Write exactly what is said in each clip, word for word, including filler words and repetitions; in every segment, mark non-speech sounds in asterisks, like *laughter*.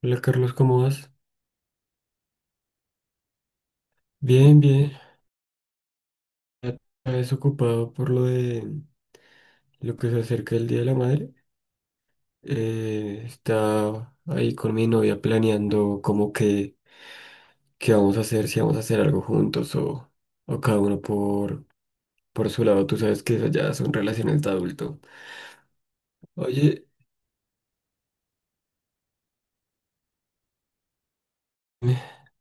Hola Carlos, ¿cómo vas? Bien, bien. Ya desocupado por lo de lo que se acerca el Día de la Madre. Eh, está ahí con mi novia planeando como que qué vamos a hacer, si vamos a hacer algo juntos o, o cada uno por, por su lado. Tú sabes que esas ya son relaciones de adulto. Oye, *sniffs*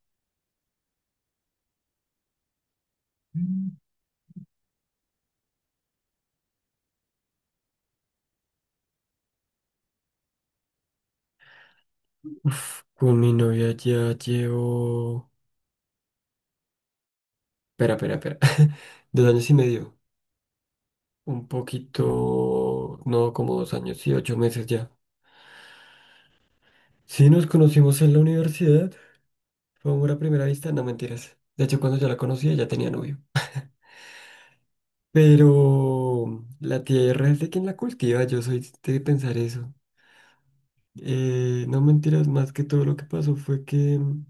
Mm. Uf, con mi novia ya llevo... Espera, espera, espera. *laughs* Dos años y medio. Un poquito... No, como dos años y ocho meses ya. Sí, nos conocimos en la universidad. Fue amor a primera vista, no mentiras. De hecho, cuando yo la conocía ya tenía novio. Pero la tierra es de quien la cultiva, yo soy de pensar eso. Eh, no mentiras, más que todo lo que pasó fue que mm,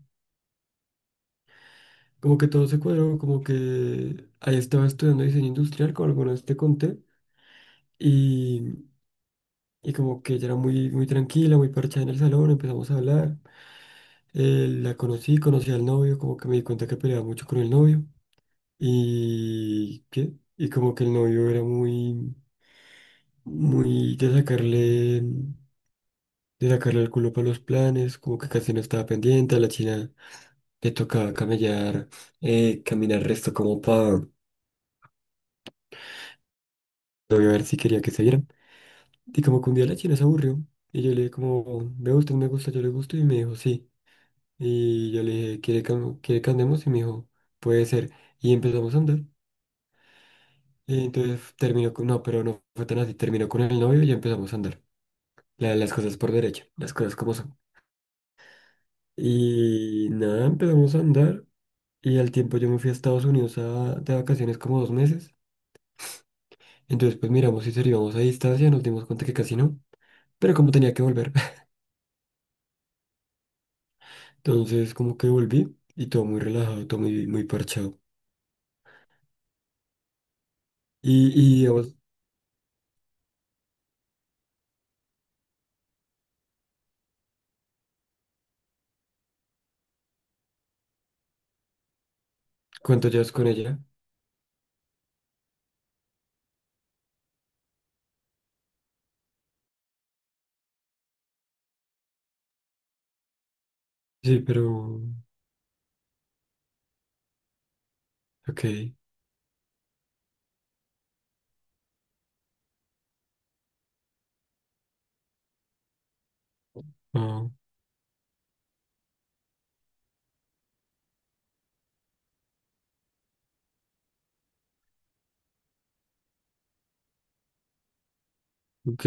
como que todo se cuadró, como que ahí estaba estudiando diseño industrial, como alguna vez te conté, y, y como que ella era muy, muy tranquila, muy parchada en el salón, empezamos a hablar. Eh, la conocí, conocí al novio, como que me di cuenta que peleaba mucho con el novio. Y que, y como que el novio era muy, muy, de sacarle, de sacarle el culo para los planes, como que casi no estaba pendiente, a la china le tocaba camellar, eh, caminar resto como para novio a ver si quería que se vieran. Y como que un día la china se aburrió, y yo le dije como, me gusta, me gusta, yo le gusto, y me dijo sí. Y yo le dije, ¿quiere que, am- quiere que andemos? Y me dijo, puede ser. Y empezamos a andar. Y entonces terminó con, no, pero no fue tan así, terminó con el novio y ya empezamos a andar. La- las cosas por derecho, las cosas como son. Y nada, empezamos a andar y al tiempo yo me fui a Estados Unidos a- de vacaciones como dos meses. Entonces pues miramos si seríamos a distancia, nos dimos cuenta que casi no, pero como tenía que volver, *laughs* entonces como que volví y todo muy relajado, todo muy, muy parchado. Y, y digamos, ¿cuánto llevas con ella? Sí, pero... Ok, ah, ok,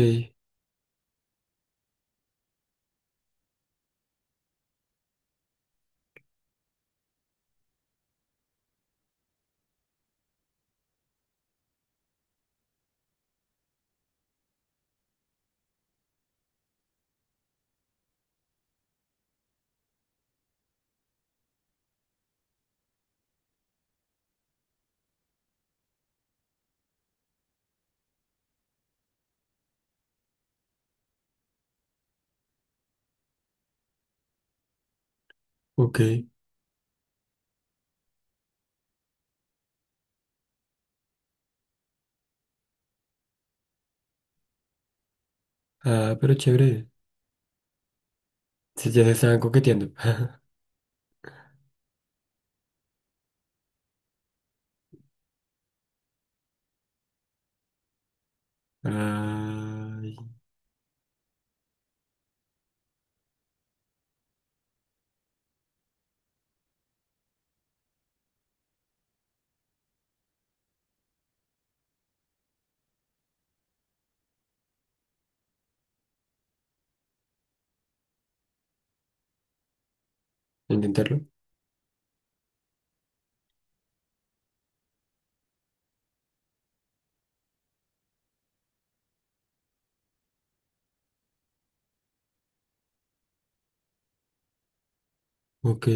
ok. Ah, pero chévere. Sí, ya se estaban coqueteando. *laughs* Ah, intentarlo. Ok.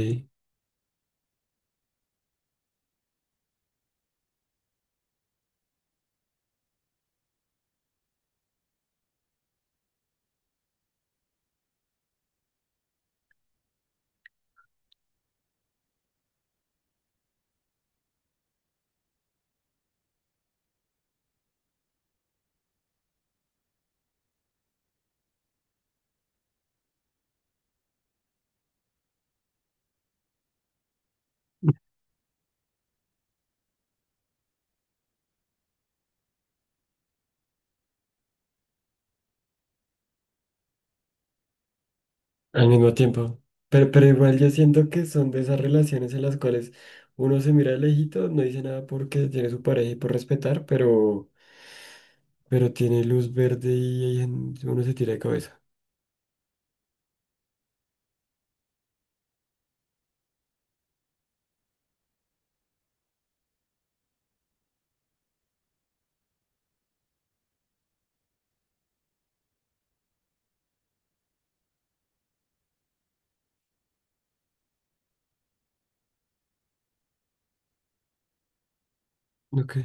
Al mismo tiempo. Pero, pero igual yo siento que son de esas relaciones en las cuales uno se mira de lejito, no dice nada porque tiene su pareja y por respetar, pero, pero tiene luz verde y ahí en- uno se tira de cabeza. Ok,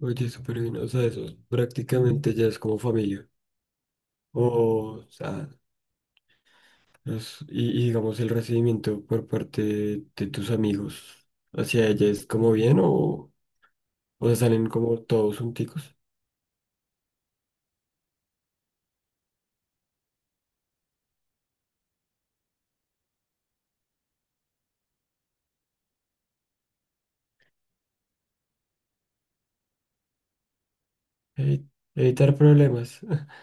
oye, súper bien. O sea, eso prácticamente ya es como familia. O, sea, los- y, y digamos el recibimiento por parte de de tus amigos hacia ella es como bien o, o sea, salen como todos junticos. Evi- Evitar problemas. *laughs*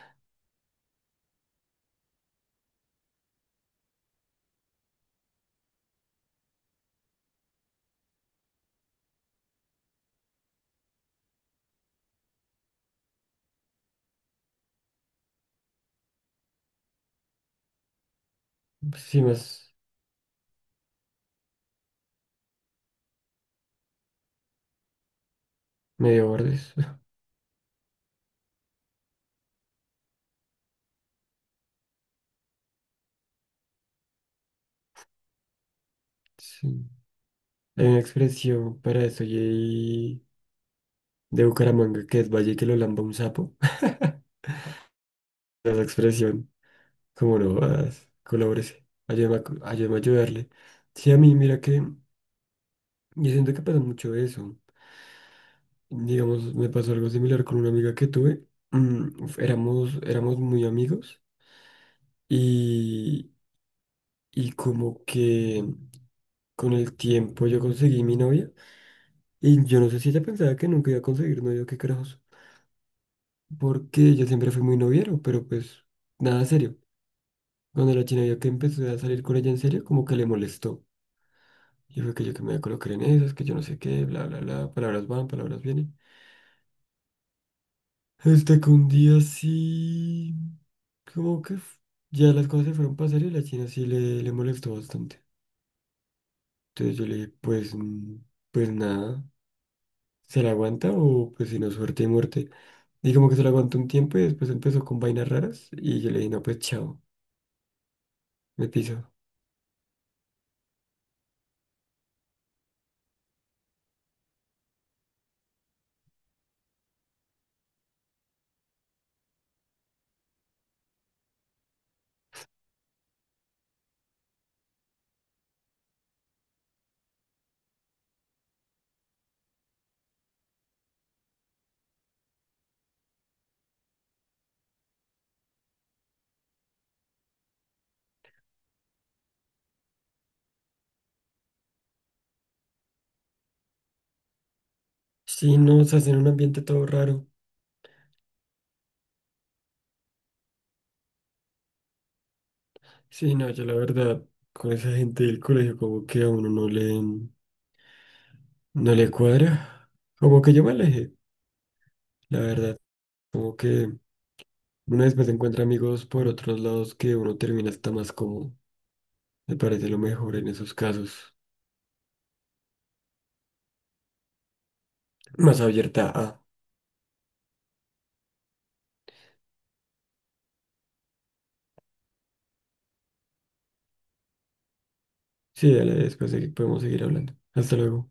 Sí, más. Medio bordes. *laughs* Sí. Hay una expresión para eso y hay de Bucaramanga, que es Valle, que lo lamba un sapo. *laughs* Esa expresión, como no vas, colabórese, ayúdame a, co- ayúdame a ayudarle. Sí, a mí, mira que yo siento que pasa mucho eso. Digamos, me pasó algo similar con una amiga que tuve. Mm, uf, éramos, éramos muy amigos y, y como que con el tiempo yo conseguí mi novia y yo no sé si ella pensaba que nunca iba a conseguir novia, qué carajos. Porque yo siempre fui muy noviero, pero pues nada serio. Cuando la china vio que empecé a salir con ella en serio, como que le molestó. Y fue que yo que me voy a colocar en esas, que yo no sé qué, bla, bla, bla, palabras van, palabras vienen. Hasta que un día sí, como que f- ya las cosas se fueron para serio y la china sí le, le molestó bastante. Entonces yo le dije, pues, mm, pues nada, ¿se la aguanta o pues si no, suerte y muerte? Y como que se la aguantó un tiempo y después empezó con vainas raras y yo le dije, no, pues chao, me piso. Sí, no, se hace en un ambiente todo raro. Sí, no, yo la verdad, con esa gente del colegio como que a uno no le, no le cuadra. Como que yo me alejé, la verdad. Como que uno después encuentra amigos por otros lados que uno termina hasta más cómodo. Me parece lo mejor en esos casos. Más abierta a... Sí, dale, después segui- podemos seguir hablando. Hasta luego.